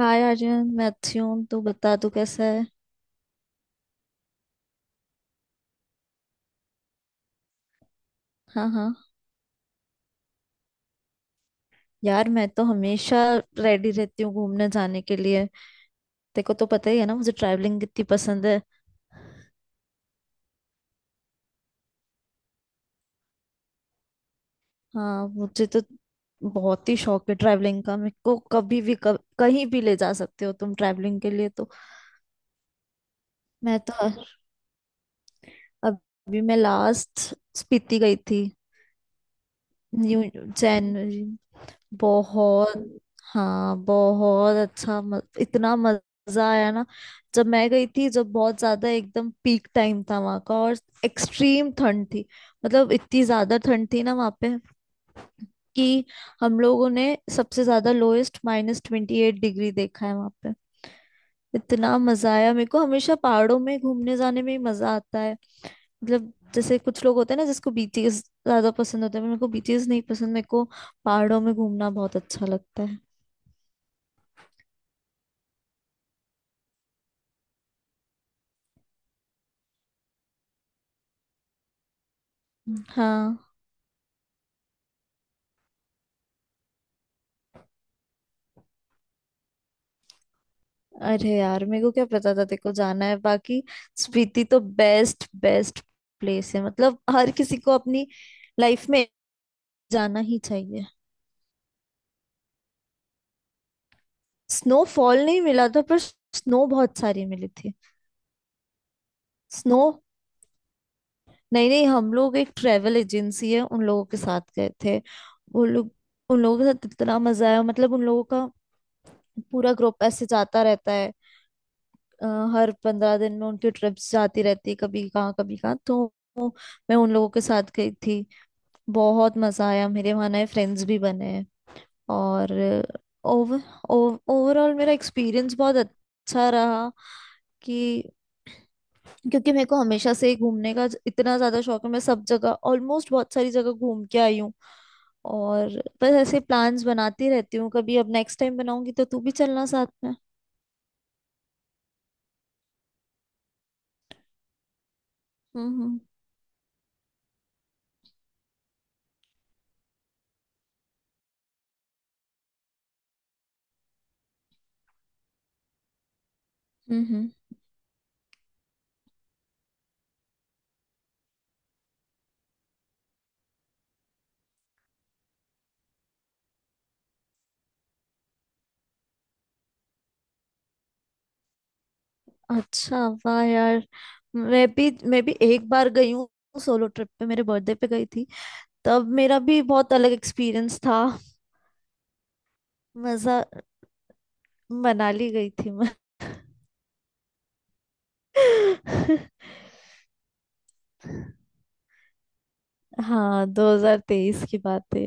हाय आर्यन, मैं अच्छी हूँ। तू बता, तू कैसा है? हाँ, हाँ। यार मैं तो हमेशा रेडी रहती हूँ घूमने जाने के लिए। तेरे को तो पता ही है ना, मुझे ट्रैवलिंग कितनी पसंद है। हाँ, मुझे तो बहुत ही शौक है ट्रैवलिंग का। मेरे को कभी भी कहीं भी ले जा सकते हो तुम ट्रैवलिंग के लिए तो। मैं तो अभी मैं लास्ट स्पीति गई थी। न्यू जनवरी। बहुत। हाँ, बहुत अच्छा, इतना मजा आया ना। जब मैं गई थी, जब बहुत ज्यादा एकदम पीक टाइम था वहां का, और एक्सट्रीम ठंड थी। मतलब इतनी ज्यादा ठंड थी ना वहां पे कि हम लोगों ने सबसे ज्यादा लोएस्ट -28 डिग्री देखा है वहां पे। इतना मजा आया। मेरे को हमेशा पहाड़ों में घूमने जाने में ही मजा आता है। मतलब जैसे कुछ लोग होते हैं ना जिसको बीचेस ज्यादा पसंद होते हैं, मेरे को बीचेस नहीं पसंद। मेरे को पहाड़ों में घूमना बहुत अच्छा लगता। हाँ। अरे यार, मेरे को क्या पता था तेरे को जाना है बाकी। स्पीति तो बेस्ट बेस्ट प्लेस है, मतलब हर किसी को अपनी लाइफ में जाना ही चाहिए। स्नोफॉल नहीं मिला था पर स्नो बहुत सारी मिली थी। स्नो नहीं, नहीं, हम लोग एक ट्रेवल एजेंसी है उन लोगों के साथ गए थे। वो लोग उन लोगों के साथ इतना मजा आया, मतलब उन लोगों का पूरा ग्रुप ऐसे जाता रहता है। अ, हर 15 दिन में उनकी ट्रिप्स जाती रहती, कभी कहाँ कभी कहाँ तो मैं उन लोगों के साथ गई थी। बहुत मजा आया, मेरे वहाँ नए फ्रेंड्स भी बने हैं। और ओवर ओवरऑल मेरा एक्सपीरियंस बहुत अच्छा रहा। कि क्योंकि मेरे को हमेशा से ही घूमने का इतना ज्यादा शौक है, मैं सब जगह ऑलमोस्ट बहुत सारी जगह घूम के आई हूँ। और बस ऐसे प्लान्स बनाती रहती हूँ कभी। अब नेक्स्ट टाइम बनाऊंगी तो तू भी चलना साथ में। हम्म, हम्म। हम्म, अच्छा, वाह यार। मैं भी एक बार गई हूँ सोलो ट्रिप पे, मेरे बर्थडे पे गई थी। तब मेरा भी बहुत अलग एक्सपीरियंस था। मजा मनाली गई थी मैं। हाँ, 2023 की बात है।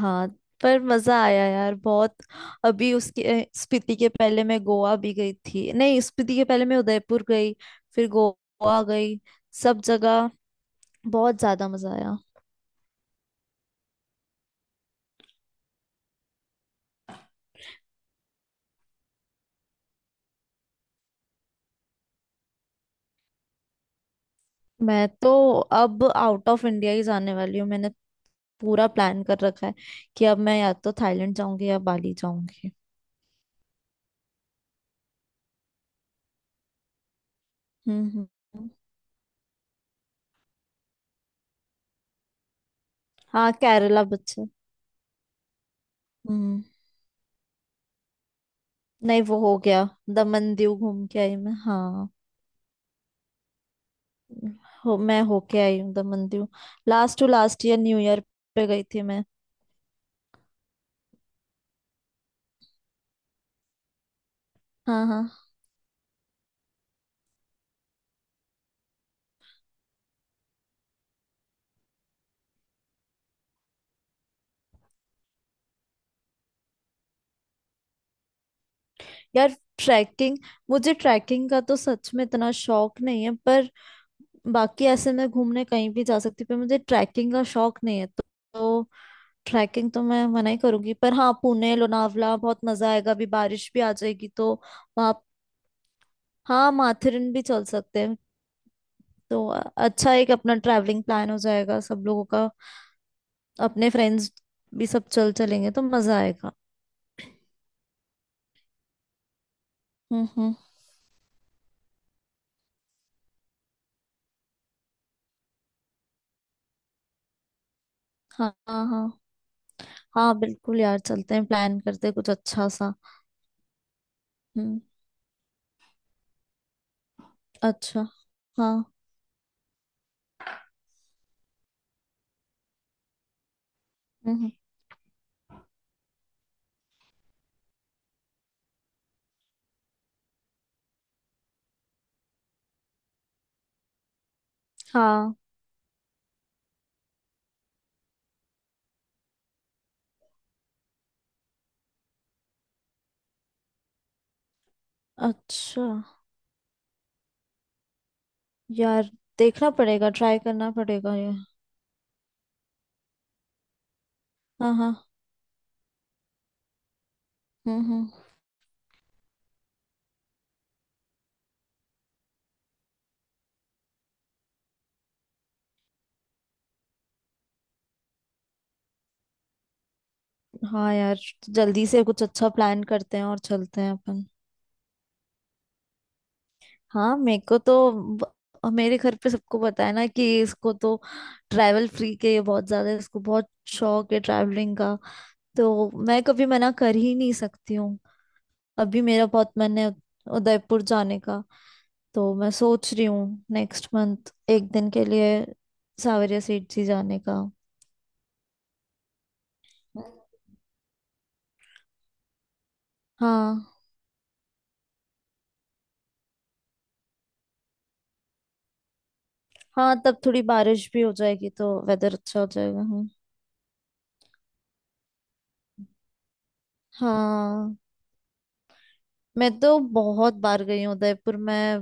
हाँ, पर मजा आया यार बहुत। अभी उसके स्पीति के पहले मैं गोवा भी गई थी, नहीं, स्पीति के पहले मैं उदयपुर गई, फिर गोवा गई। सब जगह बहुत ज्यादा मजा आया। मैं तो अब आउट ऑफ इंडिया ही जाने वाली हूँ, मैंने पूरा प्लान कर रखा है कि अब मैं या तो थाईलैंड जाऊंगी या बाली जाऊंगी। हम्म, हम्म। हाँ, केरला बच्चे। हम्म। नहीं, वो हो गया, दमन दीव घूम के आई मैं, हाँ। हो मैं होके आई हूँ Daman Diu, last to last year new year पे गई थी मैं। हाँ, हाँ। यार ट्रैकिंग मुझे ट्रैकिंग का तो सच में इतना शौक नहीं है, पर बाकी ऐसे मैं घूमने कहीं भी जा सकती हूँ, पर मुझे ट्रैकिंग का शौक नहीं है, तो ट्रैकिंग तो मैं मना ही करूंगी, पर हाँ पुणे लोनावला बहुत मजा आएगा, अभी बारिश भी आ जाएगी तो। वहाँ, हाँ, माथेरन भी चल सकते हैं। तो अच्छा, एक अपना ट्रैवलिंग प्लान हो जाएगा सब लोगों का। अपने फ्रेंड्स भी सब चल चलेंगे तो मजा आएगा। हम्म, हम्म। हाँ, हाँ, हाँ। हाँ बिल्कुल यार, चलते हैं प्लान करते हैं कुछ अच्छा सा। हम्म। अच्छा। हाँ। हम्म, हम्म। हाँ। अच्छा यार, देखना पड़ेगा, ट्राई करना पड़ेगा ये। हाँ, हाँ। हम्म, हम्म। हाँ यार, जल्दी से कुछ अच्छा प्लान करते हैं और चलते हैं अपन। हाँ, मेरे को तो ब- मेरे घर पे सबको पता है ना कि इसको तो ट्रैवल फ्री के ये बहुत ज्यादा, इसको बहुत शौक है ट्रैवलिंग का, तो मैं कभी मना कर ही नहीं सकती हूँ। अभी मेरा बहुत मन है उदयपुर जाने का, तो मैं सोच रही हूँ नेक्स्ट मंथ एक दिन के लिए सावरिया सीट जी जाने का। हाँ, हाँ, तब थोड़ी बारिश भी हो जाएगी तो वेदर अच्छा हो जाएगा। हाँ। हाँ, मैं तो बहुत बार गई हूँ उदयपुर मैं,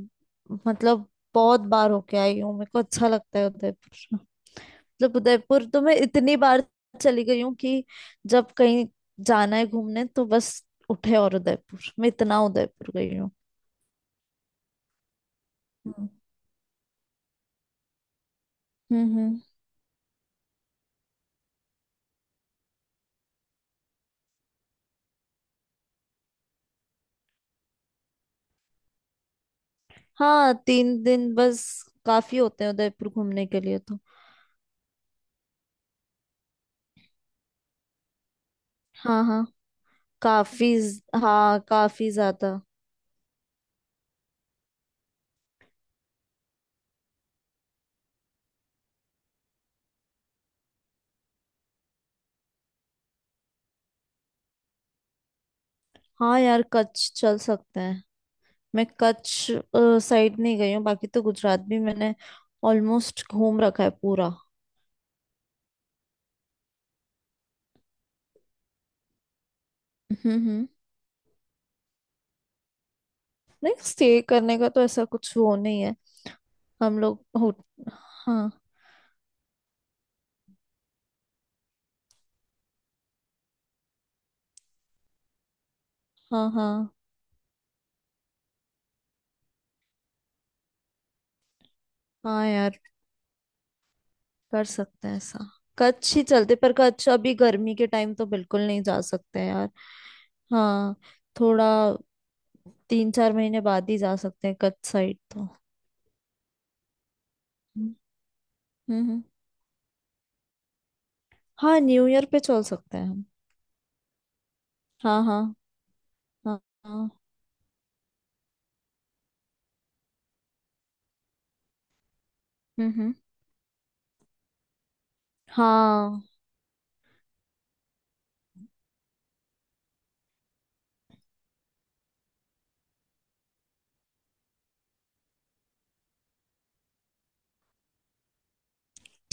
मतलब बहुत बार होके आई हूँ, मेरे को अच्छा लगता है उदयपुर। मतलब उदयपुर तो मैं इतनी बार चली गई हूँ कि जब कहीं जाना है घूमने तो बस उठे और उदयपुर। मैं इतना उदयपुर गई हूँ। हम्म, हम्म, हाँ, 3 दिन बस काफी होते हैं उदयपुर घूमने के लिए तो। हाँ, हाँ काफी हाँ, काफी ज्यादा। हाँ यार, कच्छ चल सकते हैं, मैं कच्छ साइड नहीं गई हूँ, बाकी तो गुजरात भी मैंने ऑलमोस्ट घूम रखा है पूरा। हम्म, हम्म। नहीं, स्टे करने का तो ऐसा कुछ वो नहीं है। हम लोग हो हाँ। हाँ, हाँ। हाँ यार, कर सकते हैं ऐसा, कच्छ ही चलते, पर कच्छ अभी गर्मी के टाइम तो बिल्कुल नहीं जा सकते यार। हाँ, थोड़ा 3-4 महीने बाद ही जा सकते हैं कच्छ साइड तो। हम्म। हम्म। हाँ, न्यू ईयर पे चल सकते हैं हम। हाँ, हाँ, हाँ। हाँ। हम्म, हाँ।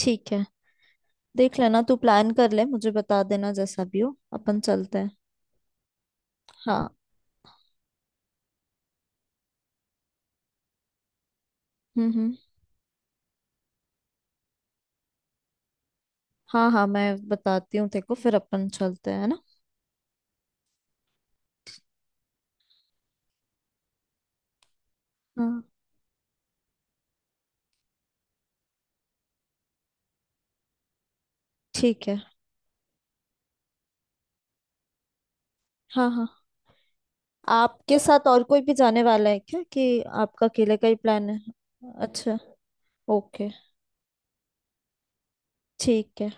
ठीक है, देख लेना, तू प्लान कर ले, मुझे बता देना, जैसा भी हो अपन चलते हैं। हाँ। हम्म, हम्म। हाँ, हाँ, मैं बताती हूँ तेरे को फिर, अपन चलते हैं है ना। हाँ, ठीक है। हाँ, हाँ, आपके साथ और कोई भी जाने वाला है क्या, कि आपका अकेले का ही प्लान है? अच्छा, ओके। ठीक है।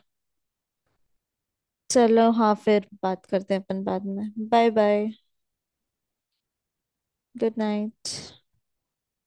चलो, हाँ, फिर बात करते हैं अपन बाद में। Bye bye. Good night.